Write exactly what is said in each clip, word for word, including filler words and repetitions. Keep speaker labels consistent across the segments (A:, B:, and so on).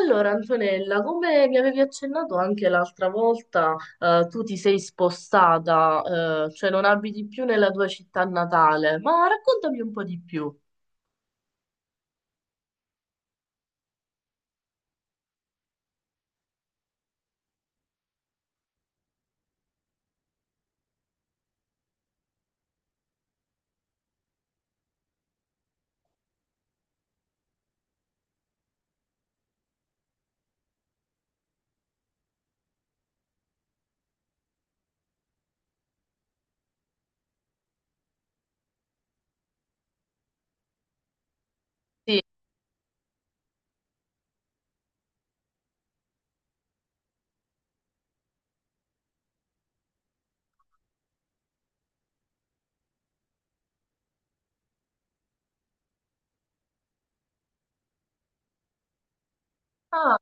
A: Allora, Antonella, come mi avevi accennato anche l'altra volta, eh, tu ti sei spostata, eh, cioè non abiti più nella tua città natale, ma raccontami un po' di più. Sì. Ah,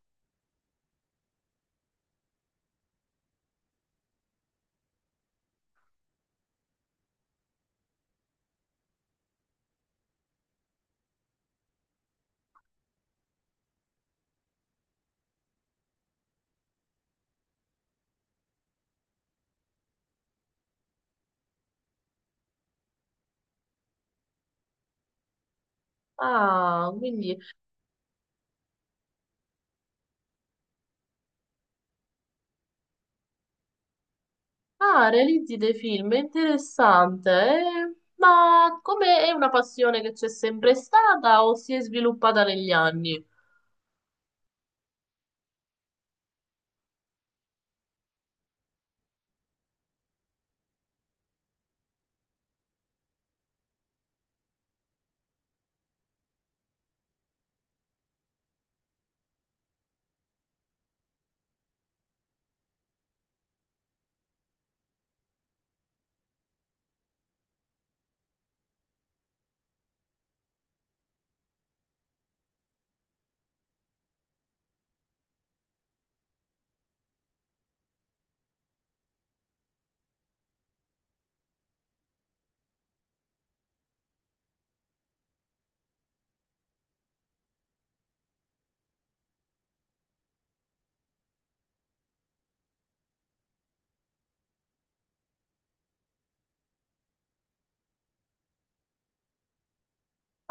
A: ah, quindi, ah, realizzi dei film, è interessante, eh? Ma come è una passione che c'è sempre stata o si è sviluppata negli anni?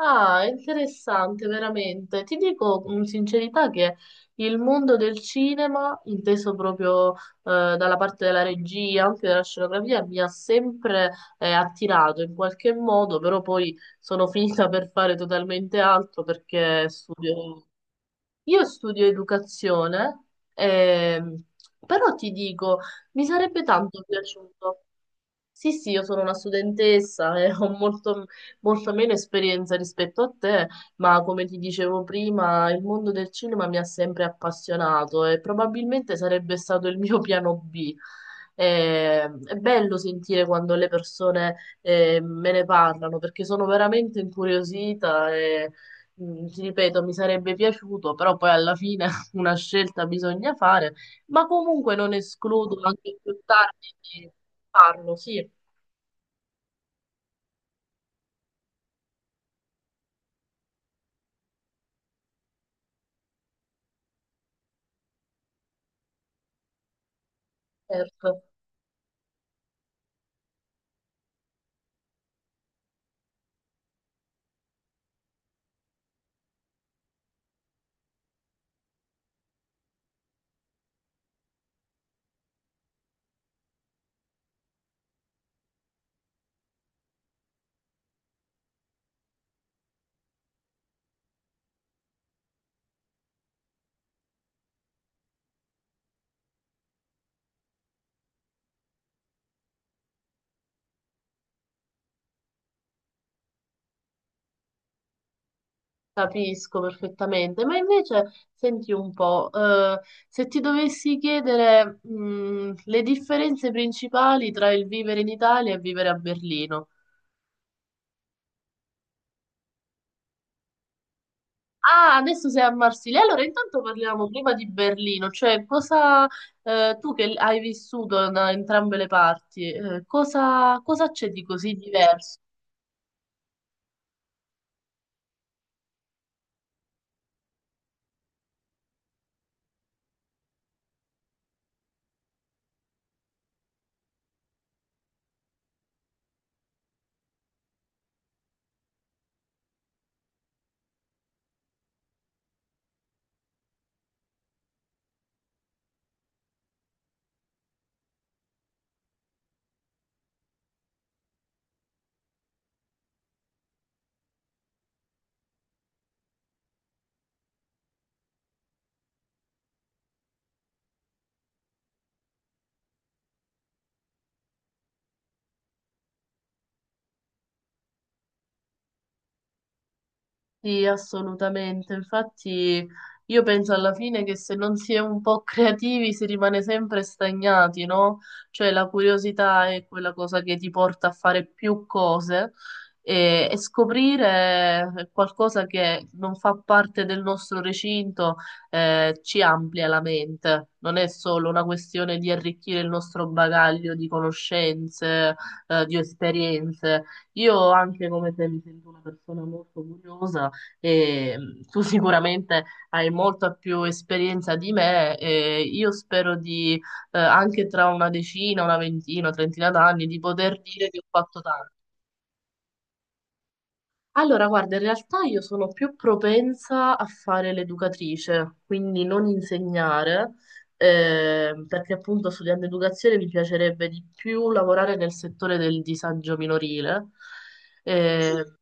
A: Ah, interessante, veramente. Ti dico con sincerità che il mondo del cinema, inteso proprio eh, dalla parte della regia, anche della scenografia, mi ha sempre eh, attirato in qualche modo, però poi sono finita per fare totalmente altro perché studio... Io studio educazione, ehm, però ti dico, mi sarebbe tanto piaciuto. Sì, sì, io sono una studentessa e ho molto, molto meno esperienza rispetto a te, ma come ti dicevo prima, il mondo del cinema mi ha sempre appassionato e probabilmente sarebbe stato il mio piano B. Eh, è bello sentire quando le persone eh, me ne parlano perché sono veramente incuriosita e mm, ti ripeto, mi sarebbe piaciuto, però poi alla fine una scelta bisogna fare, ma comunque non escludo anche più tardi. Di farlo, sì, certo, capisco perfettamente. Ma invece, senti un po', eh, se ti dovessi chiedere, mh, le differenze principali tra il vivere in Italia e vivere a Berlino. Ah, adesso sei a Marsiglia. Allora, intanto parliamo prima di Berlino, cioè cosa, eh, tu che hai vissuto da entrambe le parti, eh, cosa cosa c'è di così diverso? Sì, assolutamente. Infatti, io penso alla fine che se non si è un po' creativi si rimane sempre stagnati, no? Cioè la curiosità è quella cosa che ti porta a fare più cose e, e scoprire qualcosa che non fa parte del nostro recinto, eh, ci amplia la mente. Non è solo una questione di arricchire il nostro bagaglio di conoscenze, eh, di esperienze. Io anche come te mi sento una persona molto curiosa e mh, tu sicuramente hai molta più esperienza di me e io spero di, eh, anche tra una decina, una ventina, trentina d'anni, di poter dire che ho fatto tanto. Allora, guarda, in realtà io sono più propensa a fare l'educatrice, quindi non insegnare, eh, perché appunto studiando educazione mi piacerebbe di più lavorare nel settore del disagio minorile, eh,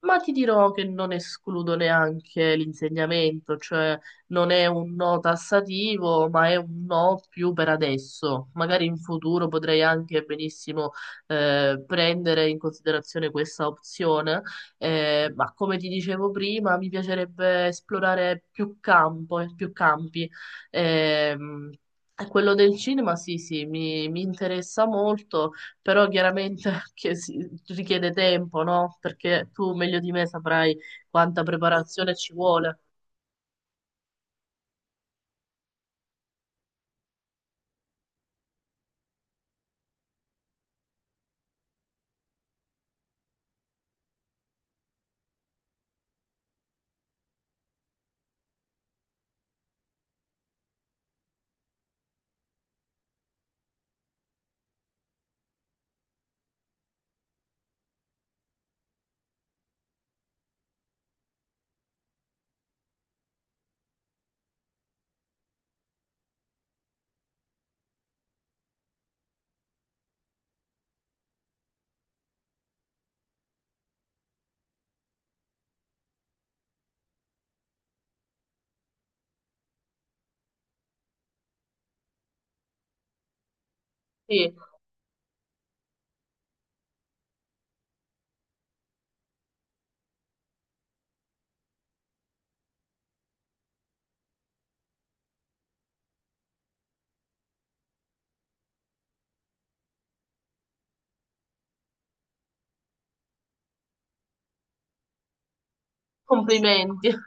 A: ma ti dirò che non escludo neanche l'insegnamento, cioè non è un no tassativo, ma è un no più per adesso. Magari in futuro potrei anche benissimo, eh, prendere in considerazione questa opzione eh, ma come ti dicevo prima, mi piacerebbe esplorare più campo, e più campi. Ehm, E quello del cinema, sì, sì, mi, mi interessa molto, però chiaramente che si- richiede tempo, no? Perché tu meglio di me saprai quanta preparazione ci vuole. Sì, complimenti.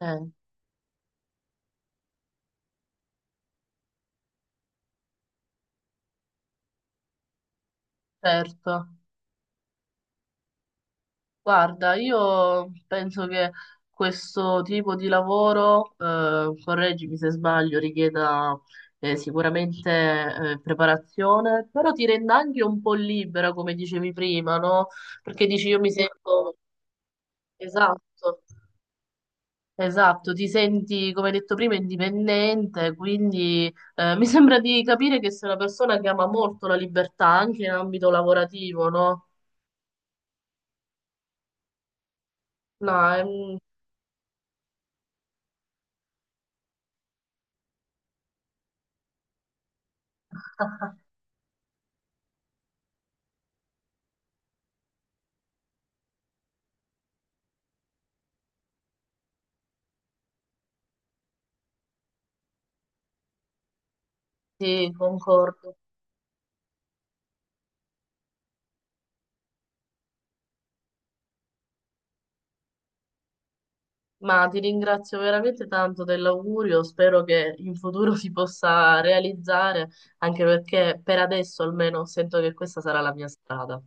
A: Eh, certo. Guarda, io penso che questo tipo di lavoro, eh, correggimi se sbaglio, richieda eh, sicuramente eh, preparazione, però ti renda anche un po' libera, come dicevi prima, no? Perché dici io mi sento... Esatto, esatto, ti senti, come hai detto prima, indipendente, quindi eh, mi sembra di capire che sei una persona che ama molto la libertà anche in ambito lavorativo, no? No, è un- sì, concordo. Ma ti ringrazio veramente tanto dell'augurio, spero che in futuro si possa realizzare, anche perché per adesso almeno sento che questa sarà la mia strada.